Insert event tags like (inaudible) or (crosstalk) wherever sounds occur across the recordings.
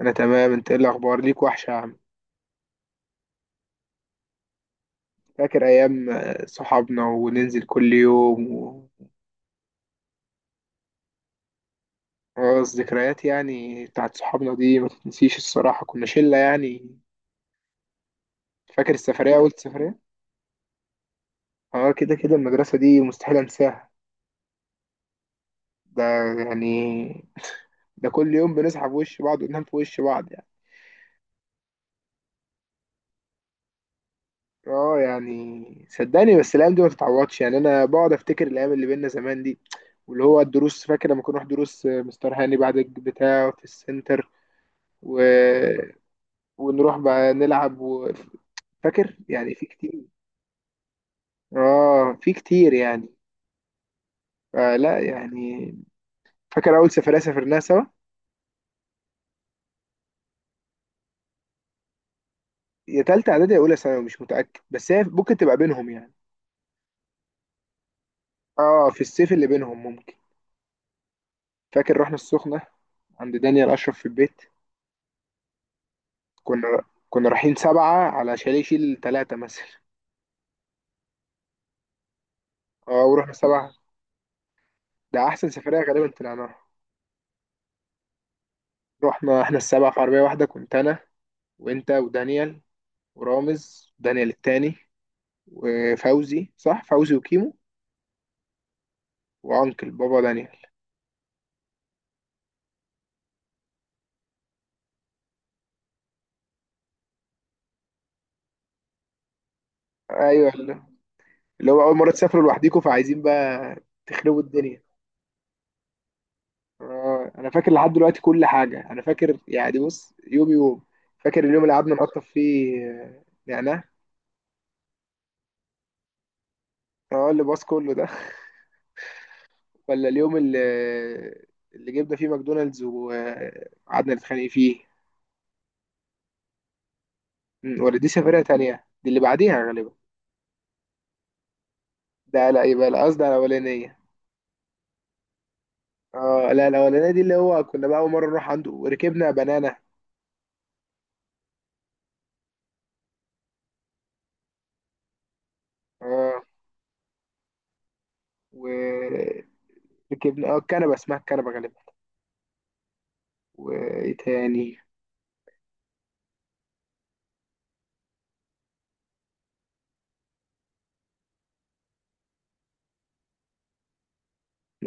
انا تمام. انت ايه الاخبار؟ ليك وحشه يا عم. فاكر ايام صحابنا وننزل كل يوم خلاص، ذكريات يعني بتاعت صحابنا دي ما تتنسيش الصراحه، كنا شله يعني. فاكر السفريه، اول سفريه؟ اه، كده كده المدرسه دي مستحيل انساها. ده يعني، ده كل يوم بنصحى في وش بعض وننام في وش بعض يعني. اه يعني، صدقني بس الايام دي ما تتعوضش يعني، انا بقعد افتكر الايام اللي بينا زمان دي. واللي هو الدروس، فاكر لما كنا نروح دروس مستر هاني بعد بتاعه في السنتر. ونروح بقى نلعب فاكر يعني، في كتير. اه، في كتير يعني. لا يعني. فاكر اول سفرية سافرناها سوا؟ يا تالتة اعدادي يا اولى ثانوي، مش متأكد بس هي ممكن تبقى بينهم يعني. اه، في الصيف اللي بينهم ممكن. فاكر رحنا السخنة، عند دانيال اشرف في البيت. كنا كنا رايحين 7 على شاليه يشيل 3 مثلا. اه، ورحنا 7. ده احسن سفرية غالبا طلعناها. رحنا احنا السبعة في عربية واحدة، كنت انا وانت ودانيال ورامز، دانيال التاني، وفوزي، صح، فوزي وكيمو وانكل بابا دانيال. ايوه، اللي هو اول مره تسافروا لوحديكم فعايزين بقى تخربوا الدنيا. انا فاكر لحد دلوقتي كل حاجه، انا فاكر يعني، بص يوم يوم. فاكر اليوم اللي قعدنا نقطف فيه نعناع. اه، اللي باص كله ده. (laughs) ولا اليوم اللي جبنا فيه ماكدونالدز وقعدنا نتخانق فيه. ولا دي سفرية تانية، دي اللي بعديها غالبا. ده لا، يبقى القصد على الأولانية. اه لا، الاولانيه دي اللي هو كنا بقى اول مره نروح عنده، ركبنا بنانا. اه، وركبنا اه الكنبه، اسمها الكنبه غالبا. وايه تاني؟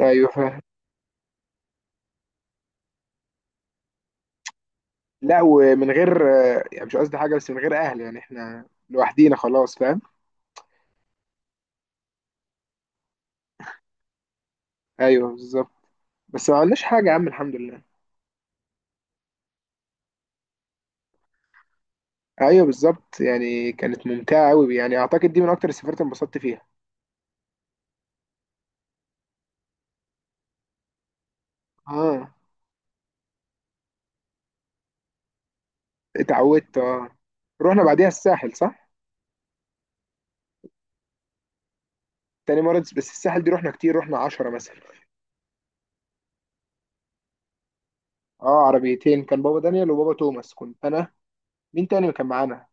ايوه فاهم. لا، ومن غير يعني مش قصدي حاجه بس من غير اهل، يعني احنا لوحدينا خلاص، فاهم. ايوه بالظبط. بس ما عملناش حاجه يا عم، الحمد لله. ايوه بالظبط، يعني كانت ممتعه قوي، يعني اعتقد دي من اكتر السفرات اللي انبسطت فيها. اه، اتعودت اه. رحنا بعديها الساحل، صح؟ تاني مرة، بس الساحل دي رحنا كتير، رحنا 10 مثلا. اه، عربيتين. كان بابا دانيال وبابا توماس، كنت انا. مين تاني كان معانا؟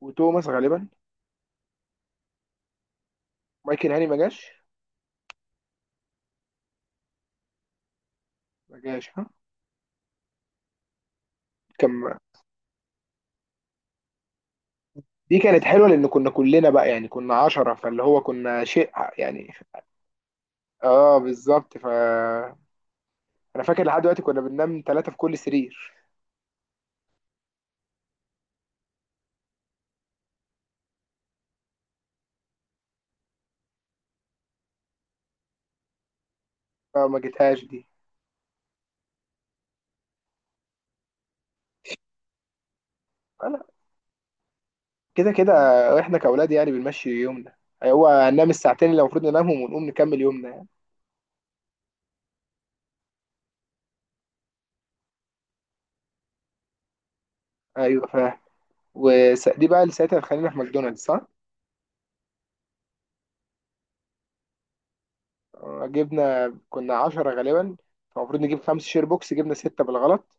وتوماس غالبا. مايكل هاني ما جاش؟ ما جاش، ها. كان، دي كانت حلوه لان كنا كلنا بقى يعني كنا 10 فاللي هو كنا شيء يعني. اه بالظبط ف، انا فاكر لحد دلوقتي كنا بننام 3 في كل سرير. فما جيتهاش دي. فلا، كده كده احنا كاولاد يعني بنمشي يومنا، هو هننام الساعتين اللي المفروض ننامهم ونقوم نكمل يومنا. ايوه فاهم. ودي بقى اللي ساعتها خلينا في ماكدونالدز، صح؟ جبنا كنا 10 غالبا، فالمفروض نجيب 5 شير بوكس، جبنا 6 بالغلط.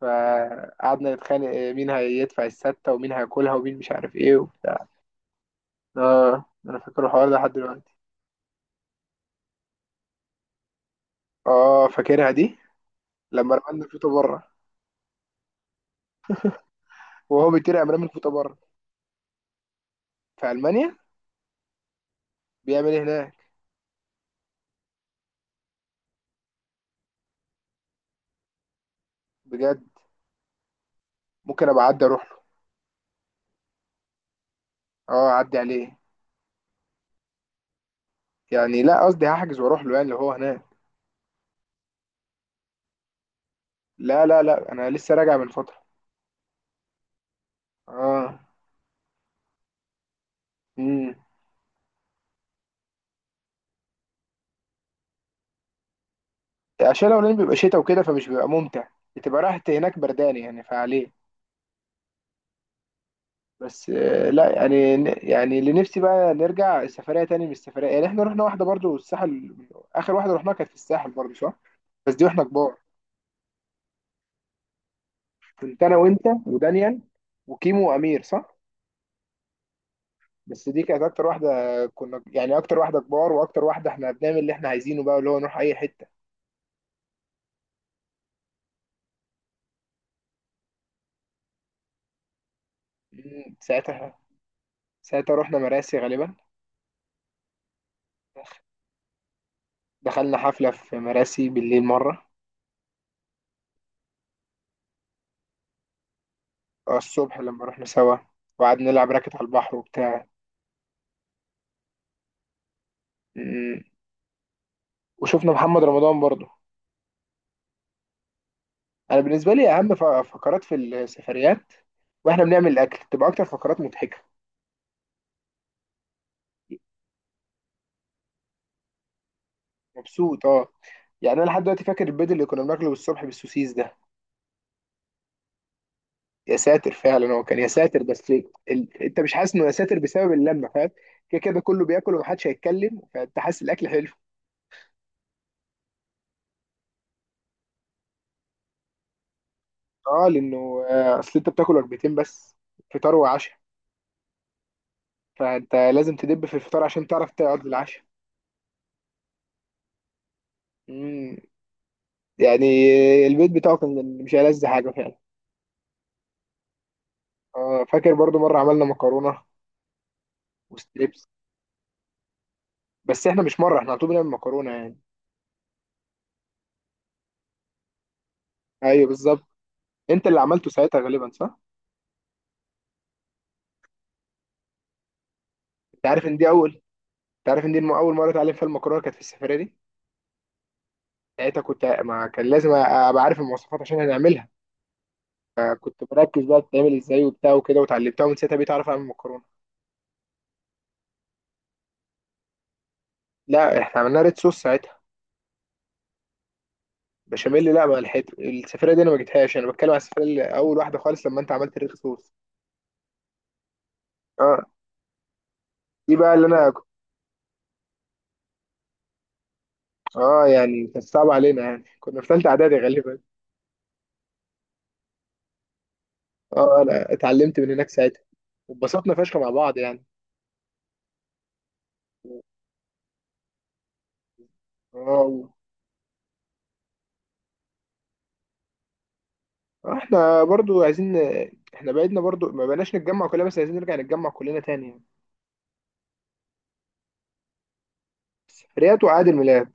فقعدنا نتخانق مين هيدفع الستة ومين هياكلها ومين مش عارف ايه وبتاع. اه، انا فاكر الحوار ده لحد دلوقتي. اه، فاكرها دي، لما رمانا الفوطة بره، وهو بيطير قام رامي الفوطة بره. في ألمانيا؟ بيعمل ايه هناك؟ بجد؟ ممكن ابقى اعدي اروح له. اه اعدي عليه. يعني لا، قصدي هحجز واروح له يعني اللي هو هناك. لا لا لا، انا لسه راجع من فترة. اه. امم عشان الاولاني بيبقى شتاء وكده فمش بيبقى ممتع، بتبقى راحة هناك بردان يعني فعليه. بس لا يعني، يعني اللي نفسي بقى نرجع سفرية تاني من السفرية، يعني احنا رحنا واحدة برضو الساحل. آخر واحدة رحناها كانت في الساحل برضو، صح؟ بس دي واحنا كبار. كنت أنا وأنت ودانيال وكيمو وأمير، صح؟ بس دي كانت أكتر واحدة كنا يعني، أكتر واحدة كبار وأكتر واحدة احنا بنعمل اللي احنا عايزينه بقى، اللي هو نروح أي حتة. مم، ساعتها ساعتها رحنا مراسي غالبا. دخلنا حفلة في مراسي بالليل مرة. الصبح لما رحنا سوا، وقعدنا نلعب راكت على البحر وبتاع. مم. وشفنا محمد رمضان برضه. انا بالنسبه لي اهم فقرات في السفريات، واحنا بنعمل الاكل تبقى اكتر فقرات مضحكه. مبسوط اه، يعني انا لحد دلوقتي فاكر البيض اللي كنا بناكله الصبح بالسوسيس ده. يا ساتر فعلا، هو كان يا ساتر بس ليه؟ انت مش حاسس انه يا ساتر بسبب اللمه، فاهم. كده كده كله بياكل ومحدش هيتكلم، فانت حاسس الاكل حلو. اه لانه اصل انت بتاكل وجبتين بس، فطار وعشاء. فانت لازم تدب في الفطار عشان تعرف تقعد للعشاء. مم. يعني البيت بتاعه كان مش ألذ حاجه فعلا. فاكر برضو مره عملنا مكرونه وستريبس. بس احنا مش مره، احنا على طول بنعمل مكرونه يعني. ايوه بالظبط. انت اللي عملته ساعتها غالبا، صح؟ انت عارف ان دي اول، انت عارف ان دي اول مره اتعلم فيها المكرونه كانت في السفريه دي. ساعتها كنت، ما كان لازم ابقى عارف المواصفات عشان هنعملها. فكنت مركز بقى بتتعمل ازاي وبتاع وكده، وتعلمتها ومن ساعتها بقيت اعرف اعمل مكرونه. لا، احنا عملنا ريد صوص ساعتها. بشاميل؟ لا، ما لحقت السفرية دي، انا ما جبتهاش، انا بتكلم على السفرية اللي اول واحدة خالص لما انت عملت ريخ صوص. اه، دي بقى اللي انا كنت. اه يعني، كانت صعبة علينا يعني كنا في ثالثة اعدادي غالبا. اه، انا اتعلمت من هناك ساعتها، واتبسطنا فشخ مع بعض يعني. اه، احنا برضو عايزين، احنا بعدنا برضو ما بقناش نتجمع كلنا، بس عايزين نرجع نتجمع كلنا تاني يعني. سفريات وعيد الميلاد.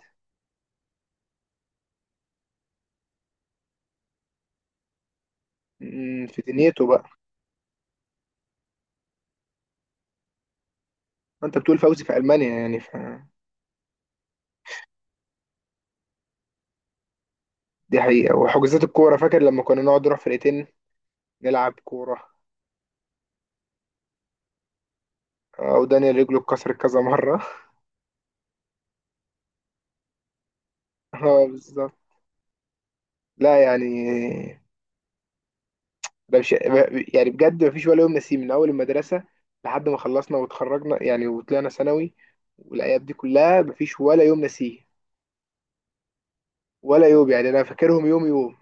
في دنيته بقى. انت بتقول فوزي في المانيا يعني ف، دي حقيقة. وحجوزات الكورة، فاكر لما كنا نقعد نروح فرقتين نلعب كورة. ودانيال رجله اتكسرت كذا مرة (laughs) اه بالظبط. لا يعني، ده مش، يعني بجد مفيش ولا يوم نسيه من أول المدرسة لحد ما خلصنا واتخرجنا يعني، وطلعنا ثانوي. والأيام دي كلها مفيش ولا يوم نسيه، ولا يوم، يعني أنا فاكرهم يوم يوم.